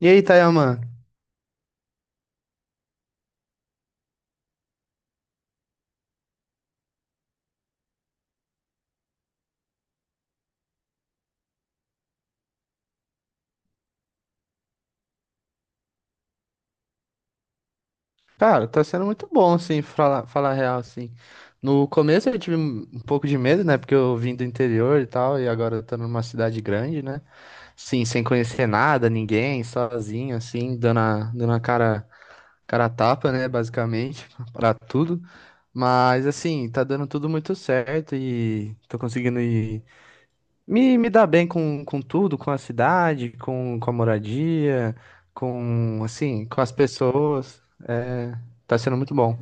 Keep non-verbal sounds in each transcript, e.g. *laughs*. E aí, Tayaman? Cara, tá sendo muito bom, assim, falar real, assim. No começo eu tive um pouco de medo, né? Porque eu vim do interior e tal, e agora eu tô numa cidade grande, né? Sim, sem conhecer nada, ninguém, sozinho, assim, dando a cara, cara a tapa, né? Basicamente, *laughs* pra tudo. Mas, assim, tá dando tudo muito certo e tô conseguindo ir. Me dá bem com tudo, com a cidade, com a moradia, com, assim, com as pessoas. É, tá sendo muito bom.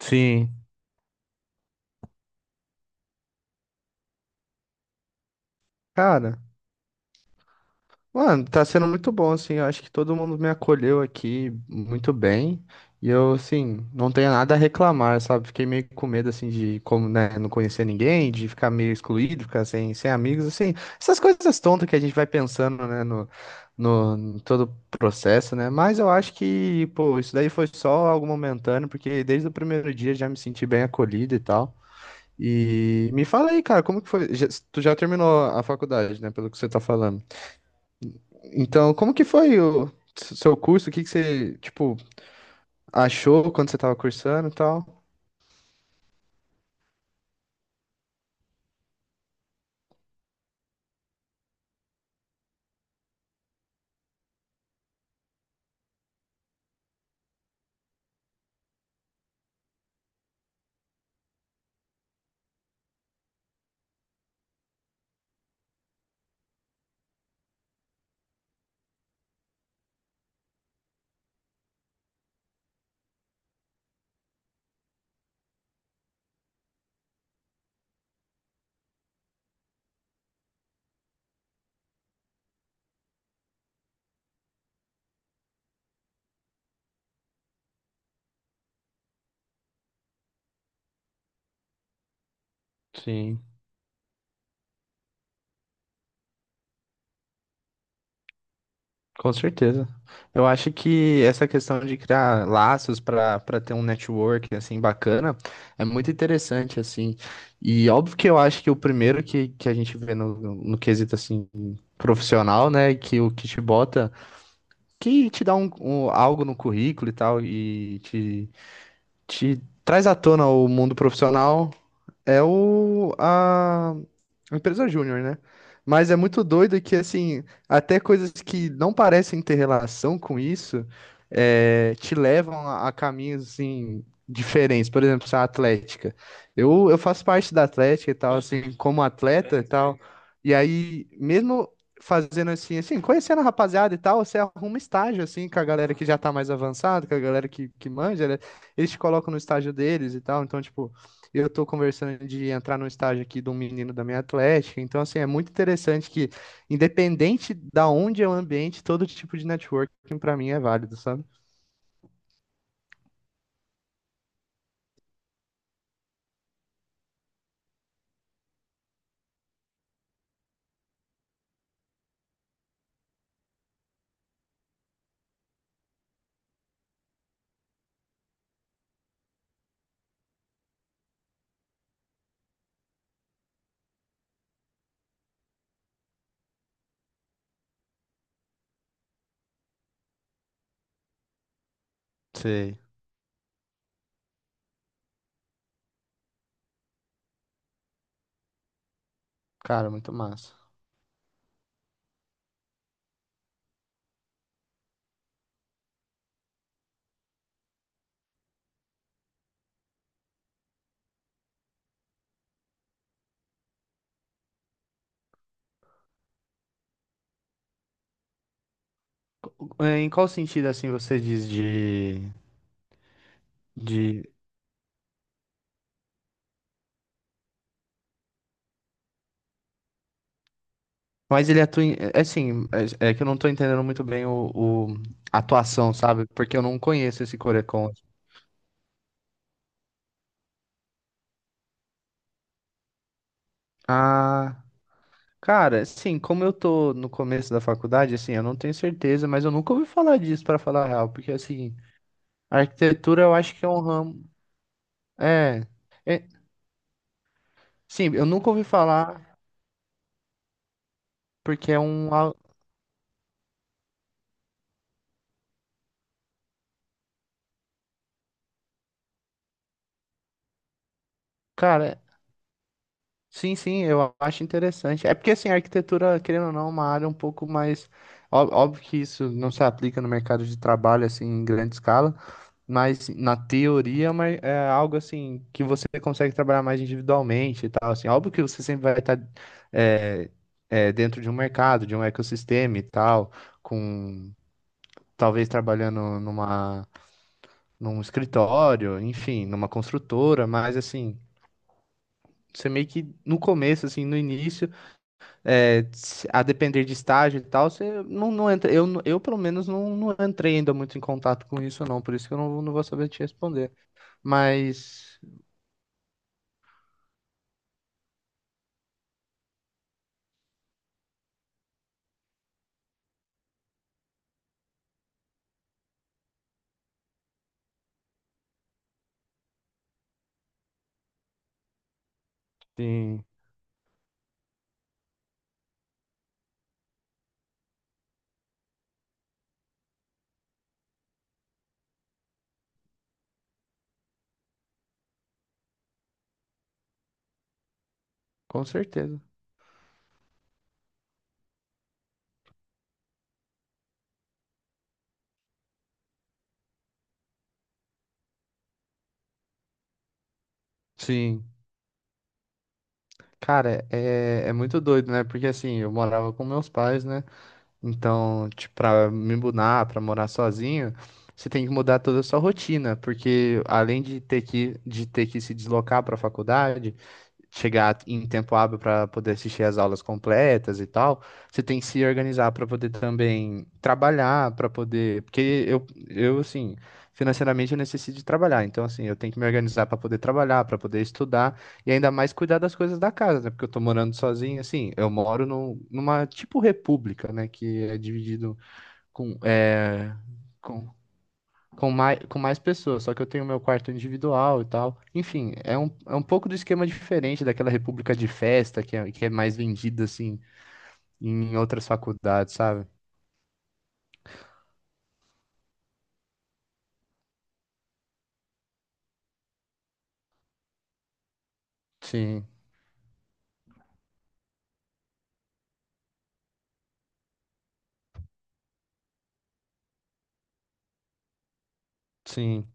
Sim. Cara, Mano, tá sendo muito bom, assim. Eu acho que todo mundo me acolheu aqui muito bem. E eu, assim, não tenho nada a reclamar, sabe? Fiquei meio com medo, assim, de como, né, não conhecer ninguém, de ficar meio excluído, ficar sem amigos, assim. Essas coisas tontas que a gente vai pensando, né, no, no, em todo o processo, né? Mas eu acho que, pô, isso daí foi só algo momentâneo, porque desde o primeiro dia já me senti bem acolhido e tal. E me fala aí, cara, como que foi? Tu já terminou a faculdade, né? Pelo que você tá falando. Então, como que foi o seu curso? O que você, tipo, achou quando você estava cursando e tal? Sim, com certeza. Eu acho que essa questão de criar laços para ter um network assim bacana é muito interessante assim. E óbvio que eu acho que o primeiro que a gente vê no quesito assim profissional, né, que o que te bota, que te dá algo no currículo e tal e te traz à tona o mundo profissional. É a empresa júnior, né? Mas é muito doido que, assim, até coisas que não parecem ter relação com isso, te levam a caminhos, assim, diferentes. Por exemplo, a atlética. Eu faço parte da atlética e tal, assim, como atleta e tal. E aí, mesmo fazendo assim, conhecendo a rapaziada e tal, você arruma estágio, assim, com a galera que já tá mais avançada, com a galera que manja, né? Eles te colocam no estágio deles e tal. Então, tipo. Eu estou conversando de entrar no estágio aqui de um menino da minha atlética, então assim, é muito interessante que, independente da onde é o ambiente, todo tipo de networking para mim é válido, sabe? Sei. Cara, muito massa. É, em qual sentido, assim, você diz de... Mas ele atua em... É assim, é que eu não tô entendendo muito bem a atuação, sabe? Porque eu não conheço esse Corecon. Ah, cara, sim, como eu tô no começo da faculdade, assim, eu não tenho certeza, mas eu nunca ouvi falar disso, pra falar a real, porque, assim, a arquitetura eu acho que é um ramo. É, é, sim, eu nunca ouvi falar, porque é um. Cara, sim, eu acho interessante. É porque, assim, a arquitetura, querendo ou não, é uma área um pouco mais. Óbvio que isso não se aplica no mercado de trabalho, assim, em grande escala. Mas na teoria, mas é algo assim que você consegue trabalhar mais individualmente e tal, assim. Óbvio que você sempre vai estar, é, dentro de um mercado, de um ecossistema e tal, com talvez trabalhando num escritório, enfim, numa construtora, mas assim, você meio que no começo, assim, no início, a depender de estágio e tal, você não entra. Eu pelo menos não entrei ainda muito em contato com isso, não, por isso que eu não vou saber te responder. Mas. Sim, com certeza. Sim. Cara, é muito doido, né? Porque assim, eu morava com meus pais, né? Então, tipo, pra me mudar, pra morar sozinho, você tem que mudar toda a sua rotina, porque além de ter de ter que se deslocar pra faculdade, chegar em tempo hábil para poder assistir às aulas completas e tal, você tem que se organizar para poder também trabalhar, para poder, porque eu assim, financeiramente eu necessito de trabalhar, então assim, eu tenho que me organizar para poder trabalhar, para poder estudar. E ainda mais cuidar das coisas da casa, né? Porque eu tô morando sozinho, assim, eu moro numa tipo república, né? Que é dividido com, é, com, com mais pessoas, só que eu tenho meu quarto individual e tal. Enfim, é é um pouco do esquema diferente daquela república de festa que é mais vendida, assim, em outras faculdades, sabe? Sim, sim,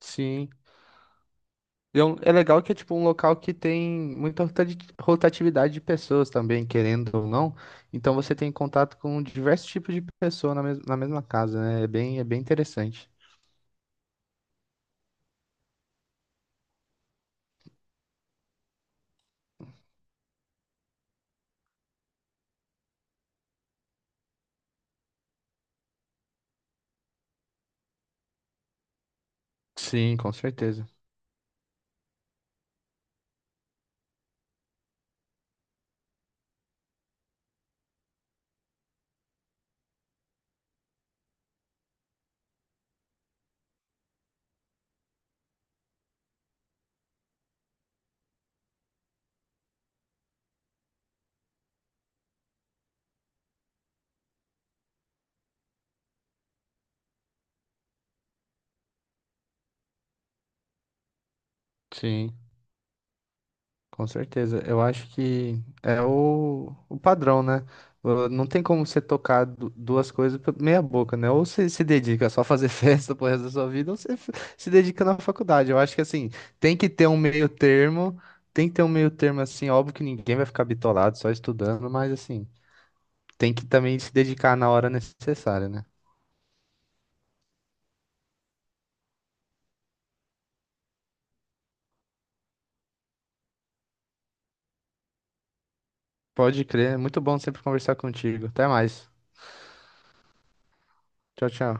sim. E é legal que é tipo um local que tem muita rotatividade de pessoas também, querendo ou não. Então você tem contato com diversos tipos de pessoas na mesma casa, né? É bem interessante. Sim, com certeza. Sim. Com certeza. Eu acho que é o padrão, né? Não tem como você tocar duas coisas meia boca, né? Ou você se dedica só a fazer *laughs* festa pro resto da sua vida, ou você se dedica na faculdade. Eu acho que assim, tem que ter um meio termo, tem que ter um meio termo assim, óbvio que ninguém vai ficar bitolado só estudando, mas assim, tem que também se dedicar na hora necessária, né? Pode crer, é muito bom sempre conversar contigo. Até mais. Tchau, tchau.